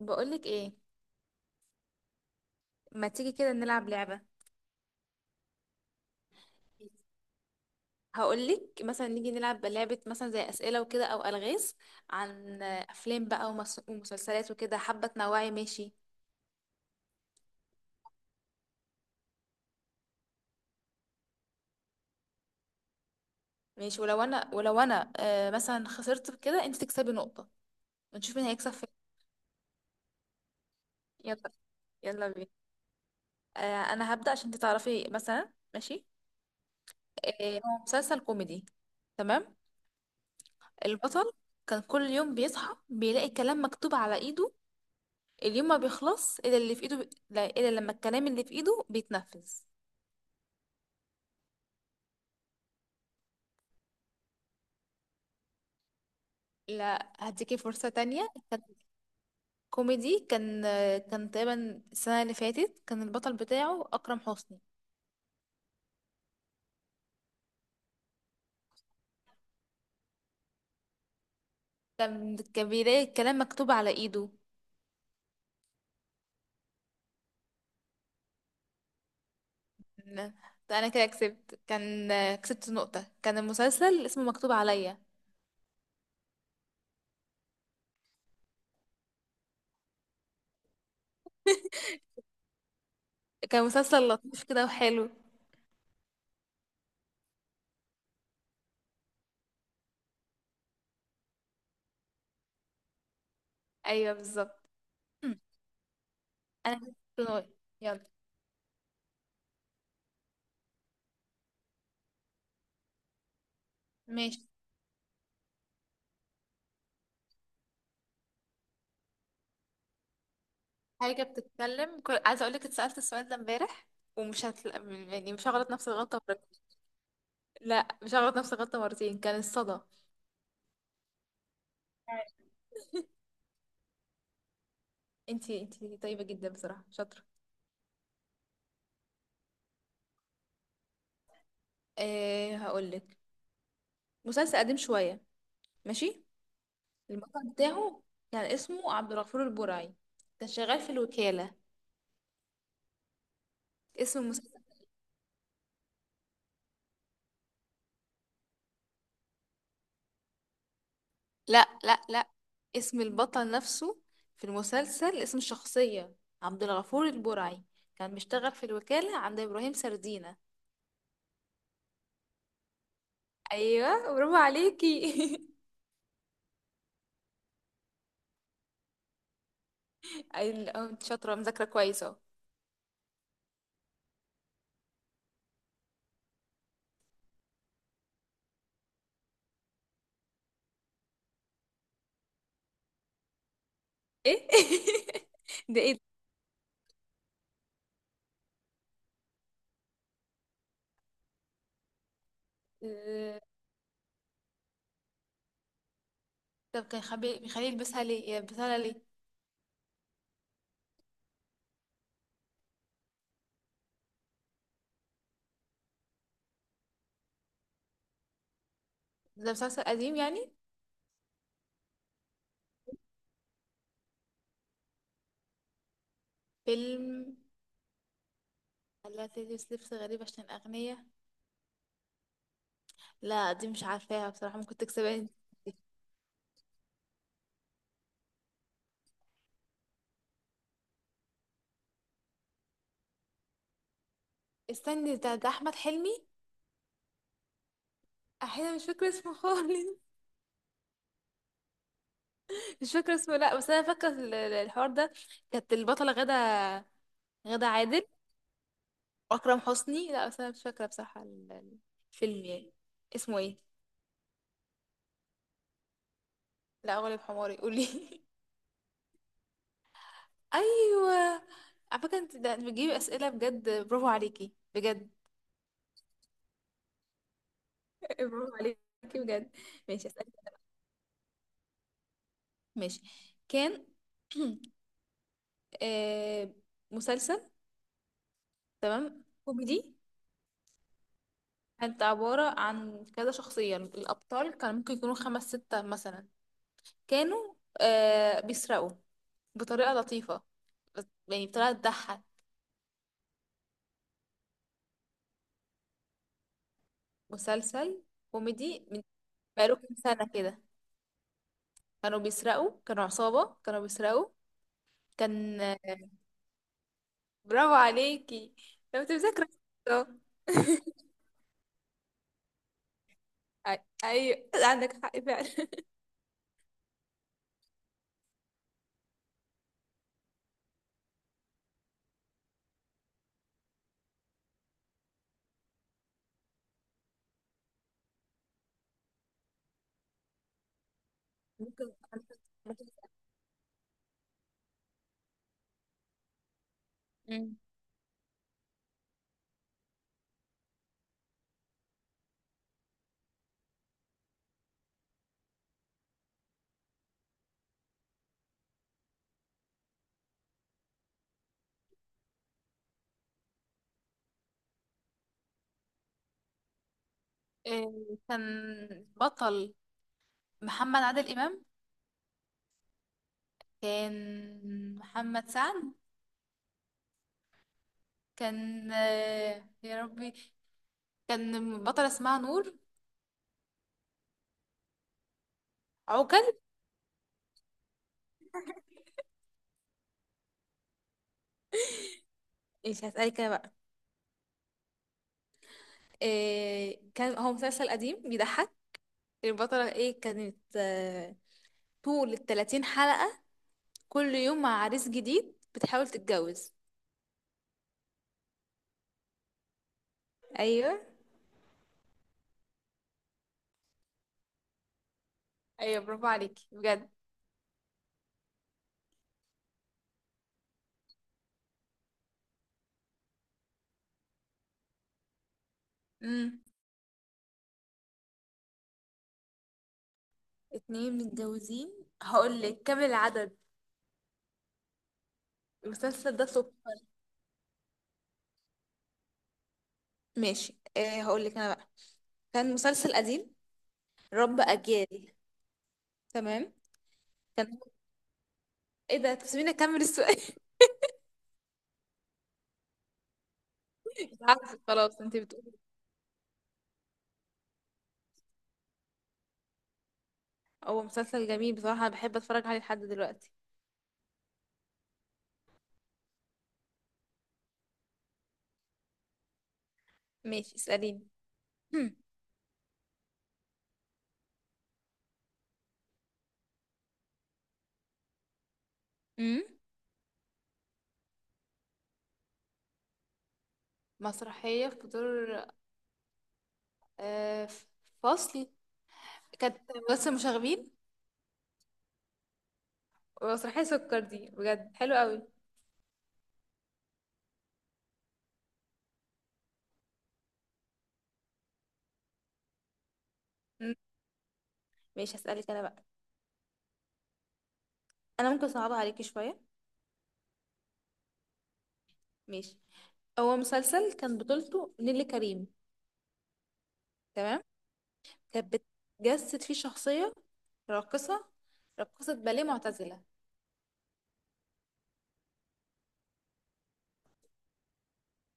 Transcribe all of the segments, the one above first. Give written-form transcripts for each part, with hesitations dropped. بقولك ايه؟ ما تيجي كده نلعب لعبة؟ هقولك مثلا نيجي نلعب لعبة مثلا زي أسئلة وكده أو ألغاز عن أفلام بقى ومسلسلات وكده. حابة تنوعي؟ ماشي. ماشي، ولو أنا آه مثلا خسرت في كده أنت تكسبي نقطة، ونشوف مين هيكسب فين. يلا، يلا بينا. آه. أنا هبدأ عشان أنت تعرفي، مثلا ماشي. آه، هو مسلسل كوميدي، تمام. البطل كان كل يوم بيصحى بيلاقي كلام مكتوب على إيده، اليوم ما بيخلص الا اللي في ايده لا، الا لما الكلام اللي في ايده بيتنفذ. لا، هديكي فرصة تانية. كوميدي كان. كان تقريبا السنة اللي فاتت، كان البطل بتاعه أكرم حسني. كان بيلاقي الكلام مكتوب على ايده. لا، ده انا كده كسبت. كان كسبت نقطة، كان المسلسل اسمه مكتوب عليا. كان مسلسل لطيف كده وحلو. ايوه بالظبط. انا كسبت نقطة. يلا. ماشي. حاجة بتتكلم كل... عايزة اقولك، اتسألت السؤال ده امبارح ومش هتل... يعني مش هغلط نفس الغلطة مرة. لا، مش هغلط نفس الغلطة مرتين، كان الصدى. انتي طيبة جدا بصراحة، شاطرة. أه هقولك، مسلسل قديم شوية، ماشي. البطل بتاعه كان اسمه عبد الغفور البرعي، كان شغال في الوكالة. اسم المسلسل. لا لا لا، اسم البطل نفسه في المسلسل، اسم الشخصية. عبد الغفور البرعي، كان بيشتغل في الوكالة عند إبراهيم سردينة. ايوه برافو عليكي. اي اه، انت شاطره، مذاكره كويس اهو. ايه؟ ده ايه ده؟ آه. طب كان بيخليه يلبسها ليه، يلبسها ليه؟ ده مسلسل قديم يعني؟ فيلم. خلاها تلبس لبس غريب عشان أغنية؟ لا، دي مش عارفاها بصراحة، ممكن تكسبها انت. استني، ده أحمد حلمي. أحيانا مش فاكرة اسمه خالص. مش فاكرة اسمه، لا بس أنا فاكرة الحوار ده. كانت البطلة غدا عادل. اكرم حسني؟ لا بس انا مش فاكره بصراحه الفيلم يعني. اسمه ايه؟ لا، غالب حماري قولي. ايوه. على فكره انت ده بتجيبي اسئله بجد، برافو عليكي بجد. برافو عليكي بجد. ماشي اسالك، ماشي. كان آه، مسلسل، تمام، كوميدي. كانت عباره عن كذا شخصيه، الابطال كان ممكن يكونوا خمس سته مثلا. كانوا آه، بيسرقوا بطريقه لطيفه، يعني بطريقه تضحك. مسلسل كوميدي، من بقاله كام سنة كده، كانوا بيسرقوا، كانوا عصابة كانوا بيسرقوا كان. برافو عليكي، لو انت مذاكرة. اه. أي- ايوه عندك حق فعلا. ممكن ممكن. مم. إيه، كان بطل محمد عادل إمام؟ كان محمد سعد؟ كان آه، يا ربي، كان بطل اسمها نور؟ عوكل. مش هسألك انا بقى. إيه، كان هو مسلسل قديم بيضحك. البطلة ايه كانت آه، طول الـ30 حلقة كل يوم مع عريس جديد بتحاول تتجوز. ايوه، ايوه برافو عليكي بجد. امم. اتنين متجوزين؟ هقول لك كام العدد. المسلسل ده تحفة. ماشي، آه هقول لك انا بقى. كان مسلسل قديم، رب اجيال، تمام. كان ايه ده؟ تسيبيني اكمل السؤال. مش عارفة، خلاص انت بتقولي. هو مسلسل جميل بصراحة، انا بحب اتفرج عليه لحد دلوقتي. ماشي اسأليني. هم. امم، مسرحية في دور آه، في فصلي. كانت بس مشاغبين. ومسرحية سكر دي بجد حلو قوي. مم. ماشي هسألك انا بقى. انا ممكن اصعبها عليكي شوية. ماشي. هو مسلسل كان بطولته نيللي كريم، تمام. كانت بتجسد فيه شخصية راقصة، راقصة باليه معتزلة.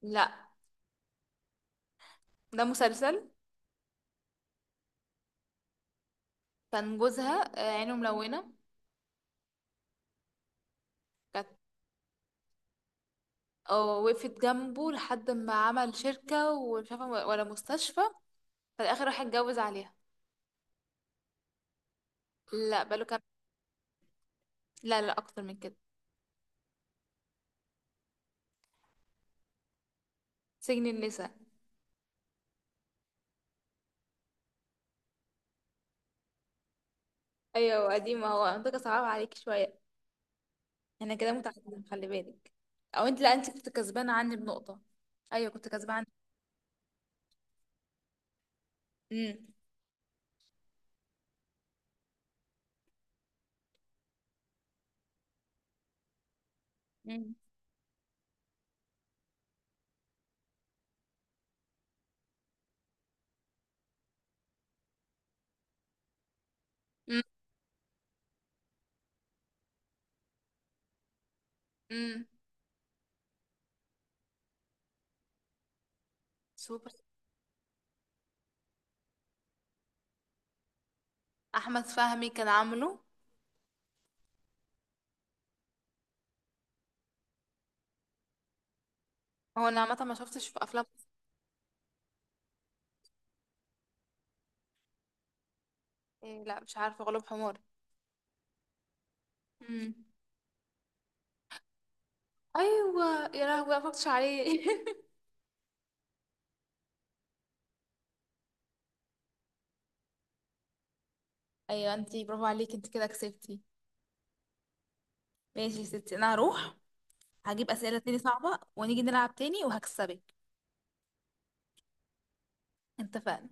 لا، ده مسلسل. كان جوزها آه، عينه ملونة. كانت آه، وقفت جنبه لحد ما عمل شركة، ومش عارفة ولا مستشفى، في الآخر راح اتجوز عليها. لا بقاله. لا لا، اكتر من كده. سجن النساء. ايوه قديمه، هو منطقه صعبه عليك شويه. احنا كده متعادلين، خلي بالك. او انت، لا انت كنت كسبانه عني بنقطه. ايوه كنت كسبانه عني. امم. مم. امم. أمم. سوبر، احمد فهمي كان عامله. هو انا عامه ما شفتش في افلام. إيه لا مش عارفه، غلوب حمار. امم. ايوه يا لهوي، أنا ما فكرتش عليه. ايوه، انت برافو عليكي، انت كده كسبتي. ماشي يا ستي، انا هروح هجيب اسئله تاني صعبه، ونيجي نلعب تاني وهكسبك. اتفقنا.